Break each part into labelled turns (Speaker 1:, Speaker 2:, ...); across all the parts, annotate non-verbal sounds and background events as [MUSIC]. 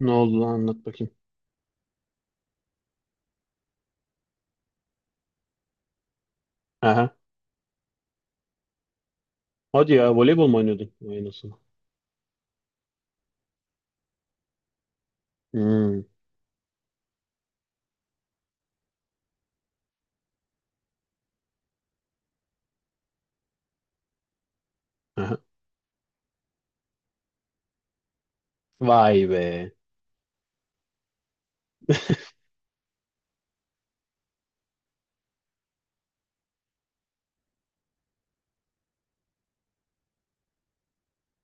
Speaker 1: Ne oldu lan anlat bakayım. Aha. Hadi ya voleybol mu oynuyordun? Vay nasıl? Hmm. Aha. Vay be. [LAUGHS]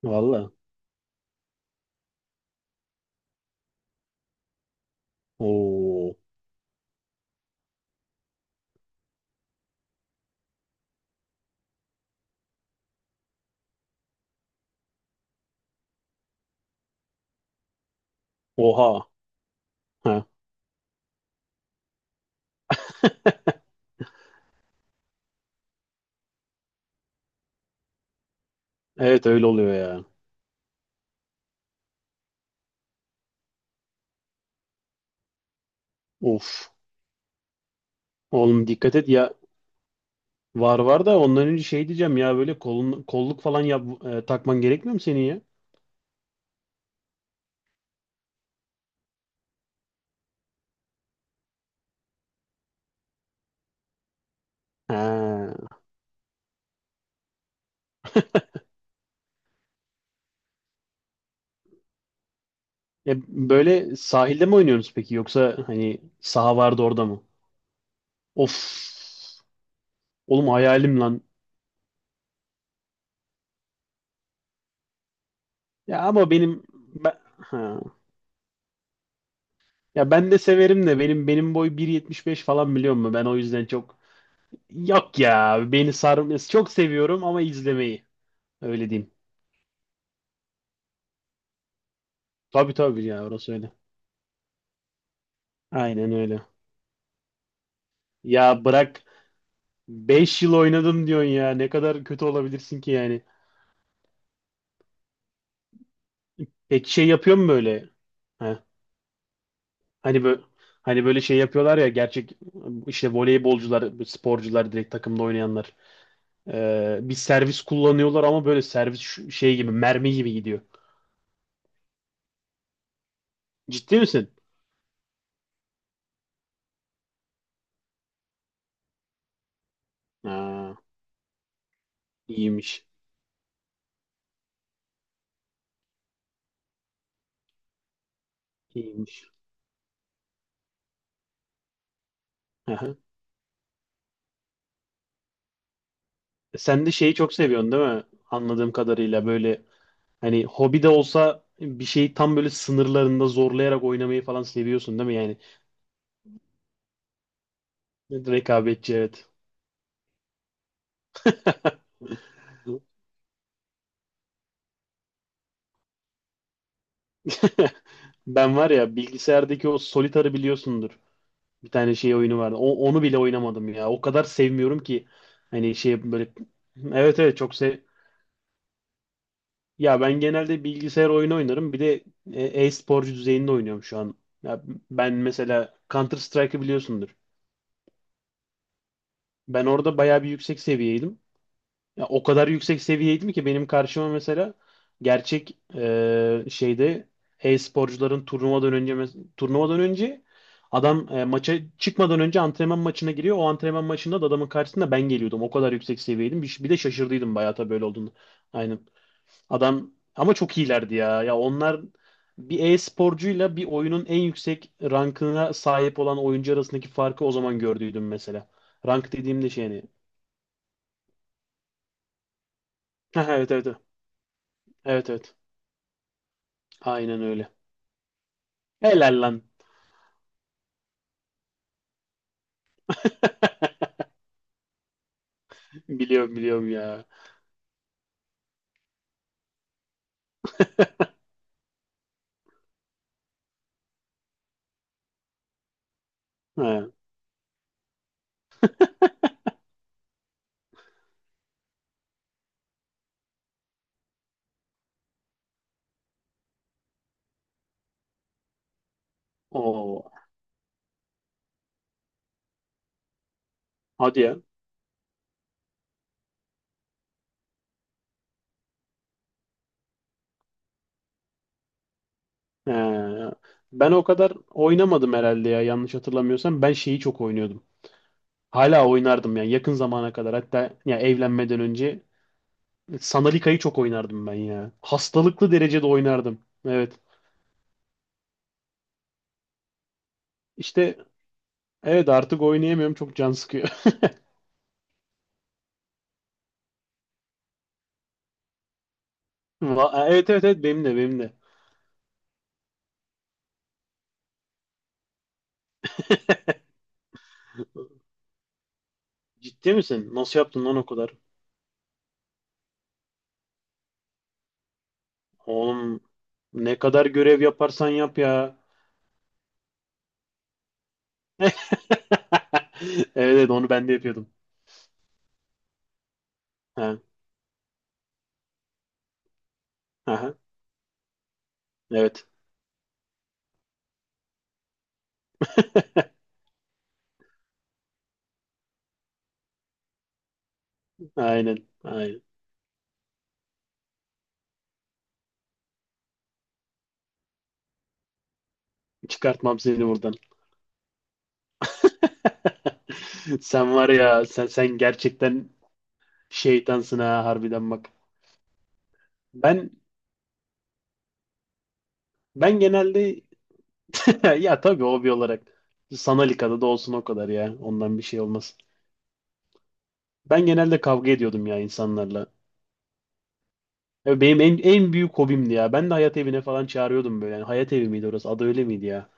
Speaker 1: Valla. Oo. Oha. Ha. [LAUGHS] Evet öyle oluyor ya. Of. Oğlum dikkat et ya. Var var da ondan önce şey diyeceğim ya böyle kolun, kolluk falan yap, takman gerekmiyor mu senin ya? Ha. E, böyle sahilde mi oynuyorsunuz peki yoksa hani saha vardı orada mı? Of. Oğlum hayalim lan. Ya ama benim ben, ha. Ya ben de severim de benim boy 1,75 falan biliyor musun? Ben o yüzden çok yok ya beni sarmıyor. Çok seviyorum ama izlemeyi öyle diyeyim. Tabii tabii ya orası öyle. Aynen öyle. Ya bırak 5 yıl oynadım diyorsun ya ne kadar kötü olabilirsin ki yani. Peki şey yapıyor mu böyle? Ha, hani böyle hani böyle şey yapıyorlar ya gerçek işte voleybolcular, sporcular direkt takımda oynayanlar. Bir servis kullanıyorlar ama böyle servis şey gibi mermi gibi gidiyor. Ciddi misin? Ha, iyiymiş. İyiymiş. Aha. Sen de şeyi çok seviyorsun değil mi? Anladığım kadarıyla böyle hani hobi de olsa bir şeyi tam böyle sınırlarında zorlayarak oynamayı falan seviyorsun değil mi? Yani rekabetçi evet. [LAUGHS] Ben var ya bilgisayardaki o Solitar'ı biliyorsundur. Bir tane şey oyunu vardı. Onu bile oynamadım ya. O kadar sevmiyorum ki. Hani şey böyle evet evet. çok sev Ya ben genelde bilgisayar oyunu oynarım. Bir de e-sporcu düzeyinde oynuyorum şu an. Ya ben mesela Counter Strike'ı biliyorsundur. Ben orada bayağı bir yüksek seviyeydim. Ya o kadar yüksek seviyeydim ki benim karşıma mesela gerçek şeyde e-sporcuların turnuvadan önce turnuvadan önce adam maça çıkmadan önce antrenman maçına giriyor. O antrenman maçında da adamın karşısında ben geliyordum. O kadar yüksek seviyeydim. Bir de şaşırdıydım bayağı tabii böyle olduğunu. Aynen. Adam ama çok iyilerdi ya. Ya onlar bir e-sporcuyla bir oyunun en yüksek rankına sahip olan oyuncu arasındaki farkı o zaman gördüydüm mesela. Rank dediğimde şey yani. Ha, evet evet. Evet evet. Evet. Aynen öyle. Helal lan. [LAUGHS] Biliyorum biliyorum ya. He. Oo. Hadi ya. He. Ben o kadar oynamadım herhalde ya yanlış hatırlamıyorsam. Ben şeyi çok oynuyordum. Hala oynardım yani yakın zamana kadar. Hatta ya evlenmeden önce Sanalika'yı çok oynardım ben ya. Hastalıklı derecede oynardım. Evet. İşte evet artık oynayamıyorum çok can sıkıyor. [LAUGHS] Evet evet evet benim de benim de. Ciddi misin? Nasıl yaptın lan o kadar? Oğlum ne kadar görev yaparsan yap ya. [LAUGHS] Evet evet onu ben de yapıyordum. Ha, aha, evet. Aynen. Aynen. Çıkartmam seni buradan. [LAUGHS] Sen var ya sen gerçekten şeytansın ha harbiden bak. Ben ben genelde. [LAUGHS] Ya ya tabii hobi olarak. Sanal da olsun o kadar ya. Ondan bir şey olmaz. Ben genelde kavga ediyordum ya insanlarla. Ya benim en büyük hobimdi ya. Ben de hayat evine falan çağırıyordum böyle. Yani hayat evi miydi orası? Adı öyle miydi ya?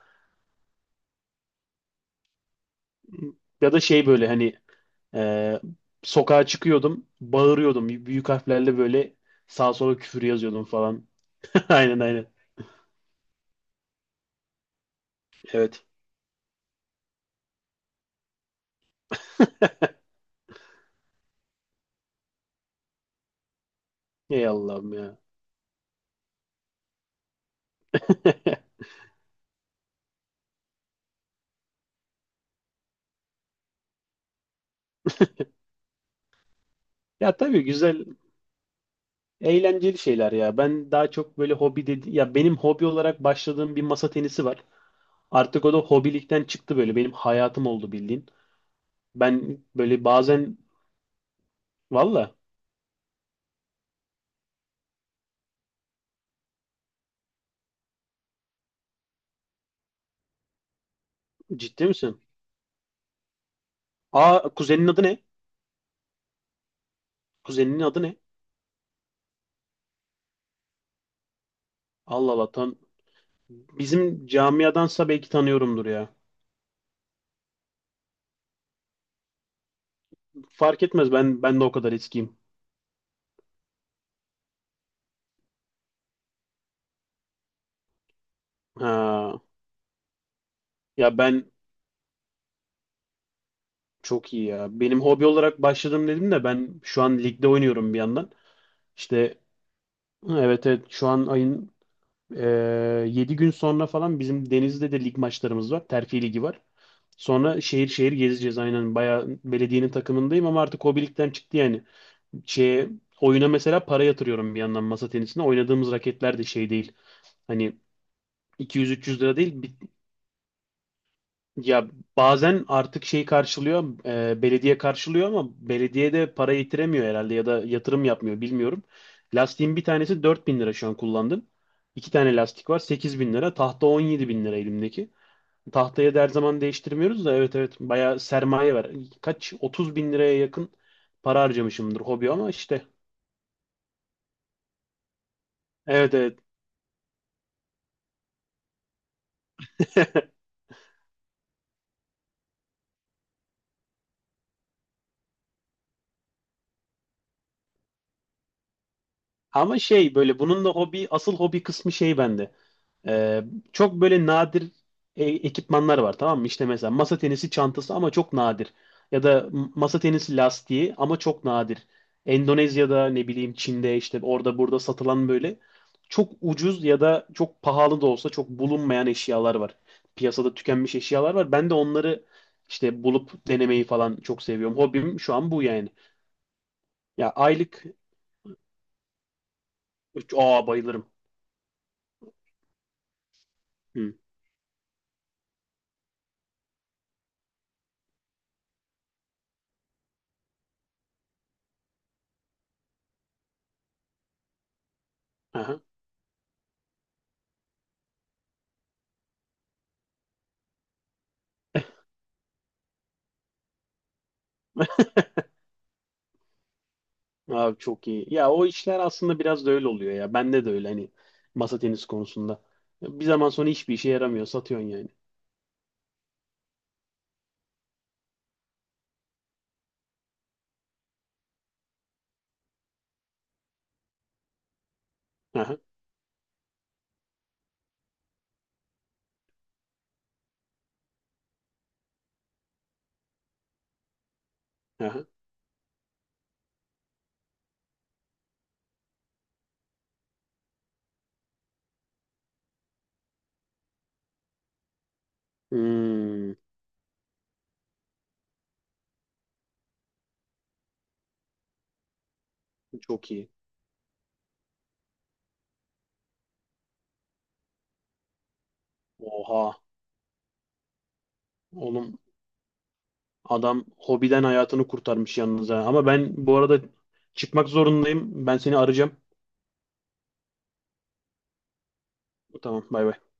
Speaker 1: Ya da şey böyle hani e, sokağa çıkıyordum. Bağırıyordum. Büyük harflerle böyle sağa sola küfür yazıyordum falan. [LAUGHS] Aynen aynen. Evet. [LAUGHS] Ey Allah'ım ya. [LAUGHS] Ya tabii güzel. Eğlenceli şeyler ya. Ben daha çok böyle hobi dedi ya benim hobi olarak başladığım bir masa tenisi var. Artık o da hobilikten çıktı böyle. Benim hayatım oldu bildiğin. Ben böyle bazen. Valla, ciddi misin? Aa kuzenin adı ne? Kuzeninin adı ne? Allah Allah tan bizim camiadansa belki tanıyorumdur ya. Fark etmez ben de o kadar eskiyim. Ha, ya ben çok iyi ya. Benim hobi olarak başladım dedim de ben şu an ligde oynuyorum bir yandan. İşte evet evet şu an ayın 7 gün sonra falan bizim Denizli'de de lig maçlarımız var. Terfi ligi var. Sonra şehir şehir gezeceğiz aynen. Bayağı belediyenin takımındayım ama artık hobilikten çıktı yani. Şeye, oyuna mesela para yatırıyorum bir yandan masa tenisine. Oynadığımız raketler de şey değil. Hani 200-300 lira değil. Ya bazen artık şey karşılıyor, belediye karşılıyor ama belediye de para yitiremiyor herhalde ya da yatırım yapmıyor bilmiyorum. Lastiğin bir tanesi 4 bin lira şu an kullandım. 2 tane lastik var 8 bin lira. Tahta 17 bin lira elimdeki. Tahtayı da her zaman değiştirmiyoruz da evet evet bayağı sermaye var. Kaç 30 bin liraya yakın para harcamışımdır hobi ama işte evet evet. [LAUGHS] Ama şey böyle bunun da hobi asıl hobi kısmı şey bende. Ee, çok böyle nadir ekipmanlar var tamam mı? İşte mesela masa tenisi çantası ama çok nadir. Ya da masa tenisi lastiği ama çok nadir. Endonezya'da ne bileyim Çin'de işte orada burada satılan böyle çok ucuz ya da çok pahalı da olsa çok bulunmayan eşyalar var. Piyasada tükenmiş eşyalar var. Ben de onları işte bulup denemeyi falan çok seviyorum. Hobim şu an bu yani. Ya aylık... Aa bayılırım. Hı. Aha. [LAUGHS] Abi çok iyi. Ya o işler aslında biraz da öyle oluyor ya. Bende de öyle hani masa tenisi konusunda. Bir zaman sonra hiçbir işe yaramıyor. Satıyorsun yani. Aha, aha. Hmm, çok iyi. Oha. Oğlum adam hobiden hayatını kurtarmış yalnız ha. Ama ben bu arada çıkmak zorundayım. Ben seni arayacağım. Tamam bay bay.